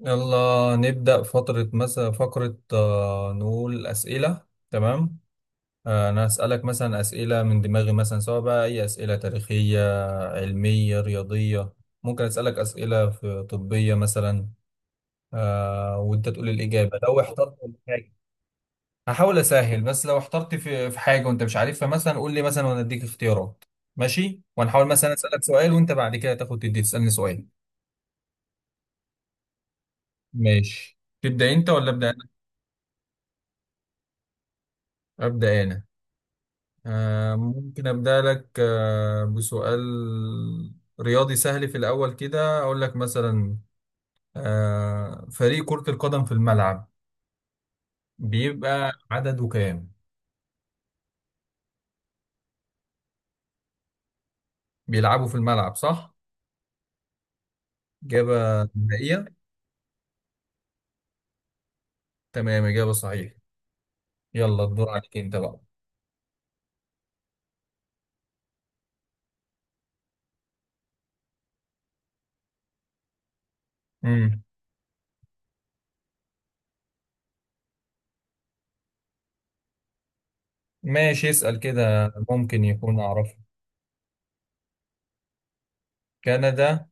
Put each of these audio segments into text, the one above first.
يلا نبدأ فترة مثلا فقرة نقول أسئلة. تمام. أنا هسألك مثلا أسئلة من دماغي، مثلا سواء بقى أي أسئلة تاريخية، علمية، رياضية. ممكن أسألك أسئلة في طبية مثلا. وأنت تقول الإجابة لو احترت في حاجة. هحاول أسهل. بس لو احترت في حاجة وأنت مش عارفها مثلا، قول لي مثلا وأنا أديك اختيارات. ماشي، وأنا هحاول مثلا أسألك سؤال، وأنت بعد كده تاخد تدي تسألني سؤال. ماشي، تبدأ أنت ولا أبدأ أنا؟ أبدأ أنا. ممكن أبدأ لك بسؤال رياضي سهل في الأول كده. أقول لك مثلا، فريق كرة القدم في الملعب بيبقى عدده كام؟ بيلعبوا في الملعب صح؟ إجابة نهائية؟ تمام، إجابة صحيحة. يلا، الدور عليك أنت بقى. مم. ماشي، اسأل كده، ممكن يكون أعرفه. كندا.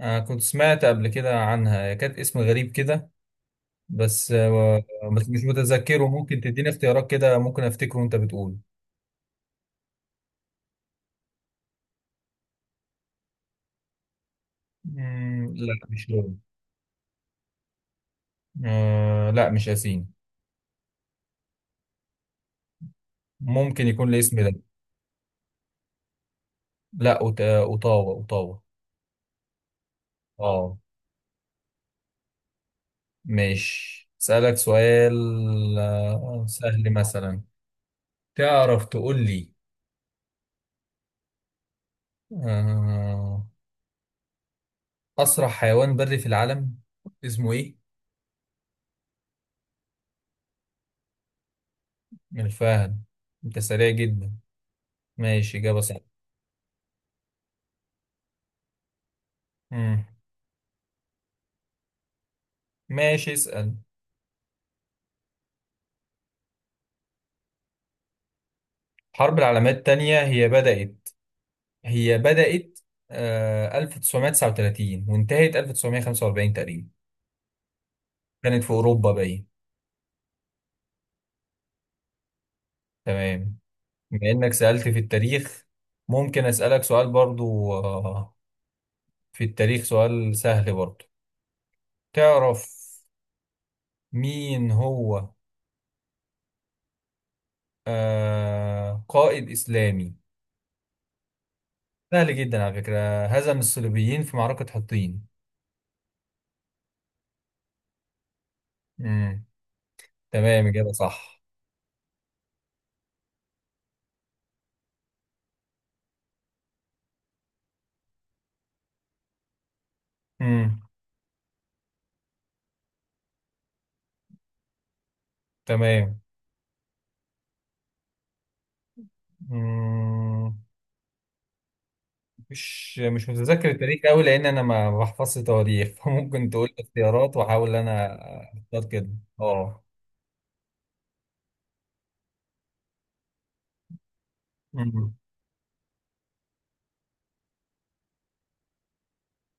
كنت سمعت قبل كده عنها، هي كانت اسم غريب كده. بس آه، بس مش متذكره، ممكن تديني اختيارات كده، ممكن افتكره وانت بتقول. مم، لا مش هو. لا، مش ياسين. ممكن يكون الاسم ده. لا، اوتاوا. اه. مش اسالك سؤال سهل مثلا. تعرف تقول لي؟ آه اسرع حيوان بري في العالم اسمه ايه؟ من الفهد. انت سريع جدا. ماشي، اجابه صح. مم. ماشي، اسال. الحرب العالميه الثانيه هي بدأت 1939 وانتهت 1945 تقريبا. كانت في أوروبا باين. تمام. بما إنك سألت في التاريخ، ممكن أسألك سؤال برضو في التاريخ، سؤال سهل برضو. تعرف مين هو قائد إسلامي، سهل جدا، على فكرة، هزم الصليبيين في معركة حطين؟ مم. تمام، إجابة صح. مم. تمام. مم. مش متذكر التاريخ قوي، لان انا ما بحفظش تواريخ فممكن تقول لي اختيارات واحاول انا اختار كده. اه. أمم،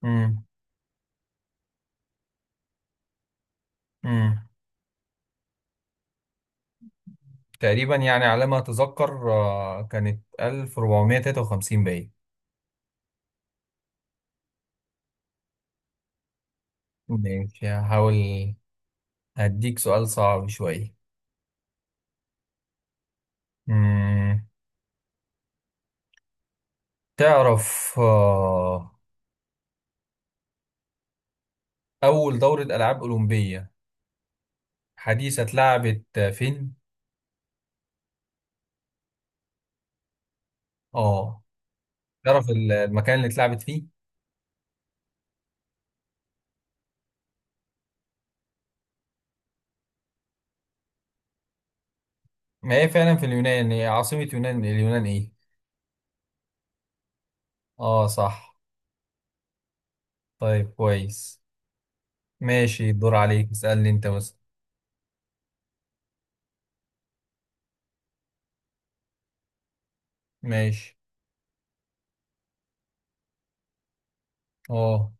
أمم، أمم. تقريبا يعني على ما اتذكر كانت 1453 باين. ماشي، هحاول. هديك سؤال صعب شويه. أمم، تعرف اول دوره العاب اولمبيه حديثه اتلعبت فين؟ اه، تعرف المكان اللي اتلعبت فيه. ما هي فعلا في اليونان، هي عاصمة يونان، اليونان ايه؟ اه صح. طيب كويس. ماشي، الدور عليك، اسألني انت مثلا. ماشي. اه.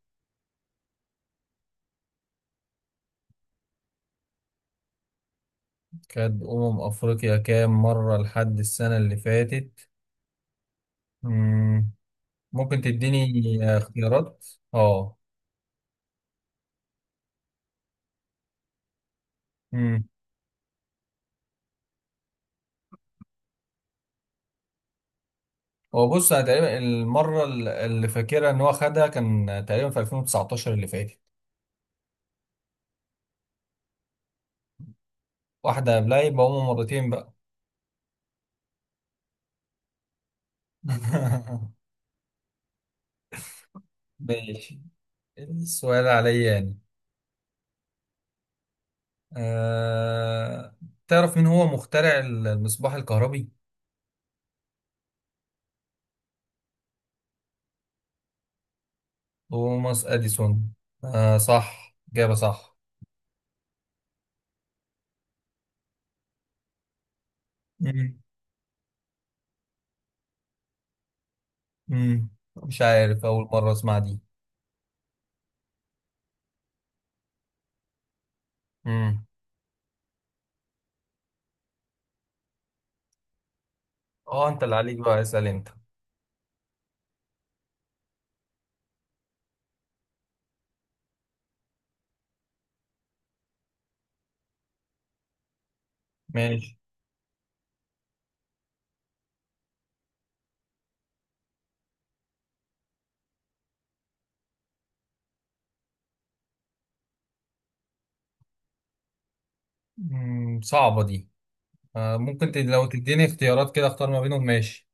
كانت أمم أفريقيا كام مرة لحد السنة اللي فاتت؟ مم. ممكن تديني اختيارات؟ اه. مم. هو بص، أنا تقريبا المرة اللي فاكرها إن هو خدها كان تقريبا في 2019 اللي فاتت. واحدة قبلها، يبقى هما مرتين بقى. ماشي، السؤال عليا أنا. آه... تعرف مين هو مخترع المصباح الكهربي؟ توماس أديسون. صح، إجابة صح. مم. مم. مش عارف، أول مرة أسمع دي. مم. أه، أنت اللي عليك بقى، اسأل أنت. ماشي. مم. صعبة دي. ممكن لو تديني اختيارات كده أختار ما بينهم. ماشي.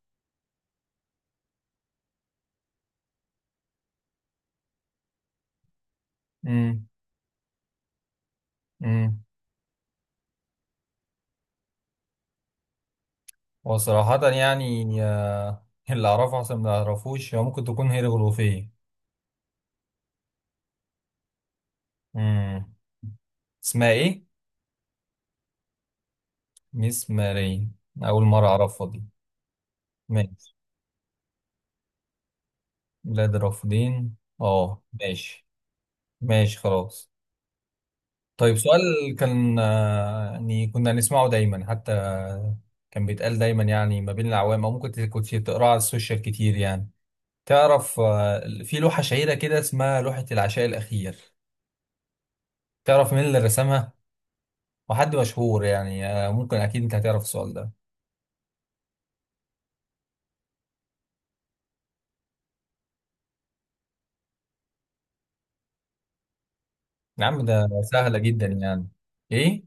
مم. مم. وصراحة يعني اللي أعرفه أحسن من اللي أعرفوش، هو ممكن تكون هيروغليفية. مم. اسمها إيه؟ مسمارية. أول مرة أعرفها دي. ماشي. بلاد الرافدين. اه ماشي. ماشي خلاص. طيب، سؤال. كان يعني كنا نسمعه دايما، حتى كان بيتقال دايما يعني ما بين العوام، او ممكن كنت تقراه على السوشيال كتير يعني. تعرف في لوحة شهيرة كده اسمها لوحة العشاء الأخير؟ تعرف مين اللي رسمها؟ وحد مشهور يعني، ممكن أكيد أنت هتعرف السؤال ده. يا عم، ده سهلة جدا يعني. إيه؟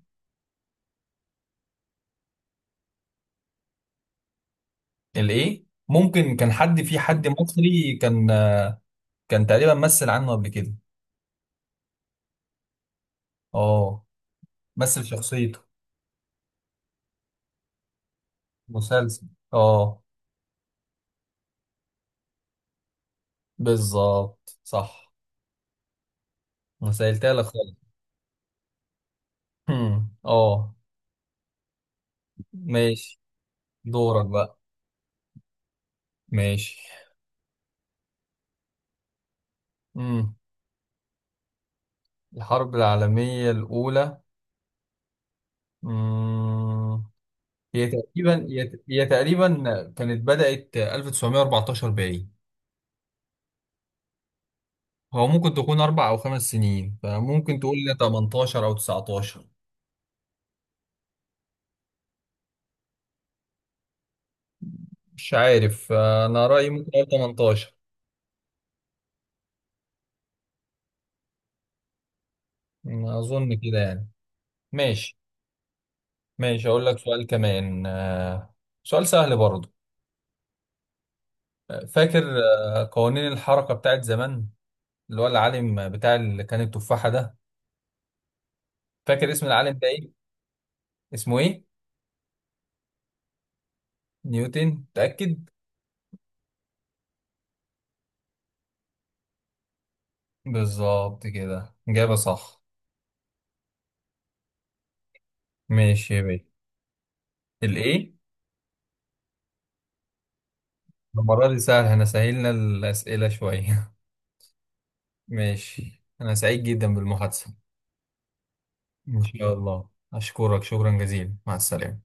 الإيه؟ ممكن كان حد، في حد مصري، كان تقريبا مثل عنه قبل كده. اه. مثل شخصيته. مسلسل. اه. بالظبط، صح. انا سألتها لك خالص. هم، اه. ماشي. دورك بقى. ماشي. امم الحرب العالمية الأولى. امم هي تقريبا كانت بدأت 1914 باين. هو ممكن تكون 4 أو 5 سنين، فممكن تقول لي 18 أو 19. مش عارف، أنا رأيي ممكن أقول 18. أظن كده يعني. ماشي. ماشي، أقول لك سؤال كمان. سؤال سهل برضه. فاكر قوانين الحركة بتاعت زمان، اللي هو العالم بتاع اللي كان التفاحة ده؟ فاكر اسم العالم ده إيه؟ اسمه إيه؟ نيوتن، متأكد؟ بالظبط كده، إجابة صح. ماشي يا بيه. الإيه؟ المرة دي سهل، احنا سهلنا الأسئلة شوية. ماشي، أنا سعيد جدا بالمحادثة. إن شاء الله، أشكرك شكرا جزيلا، مع السلامة.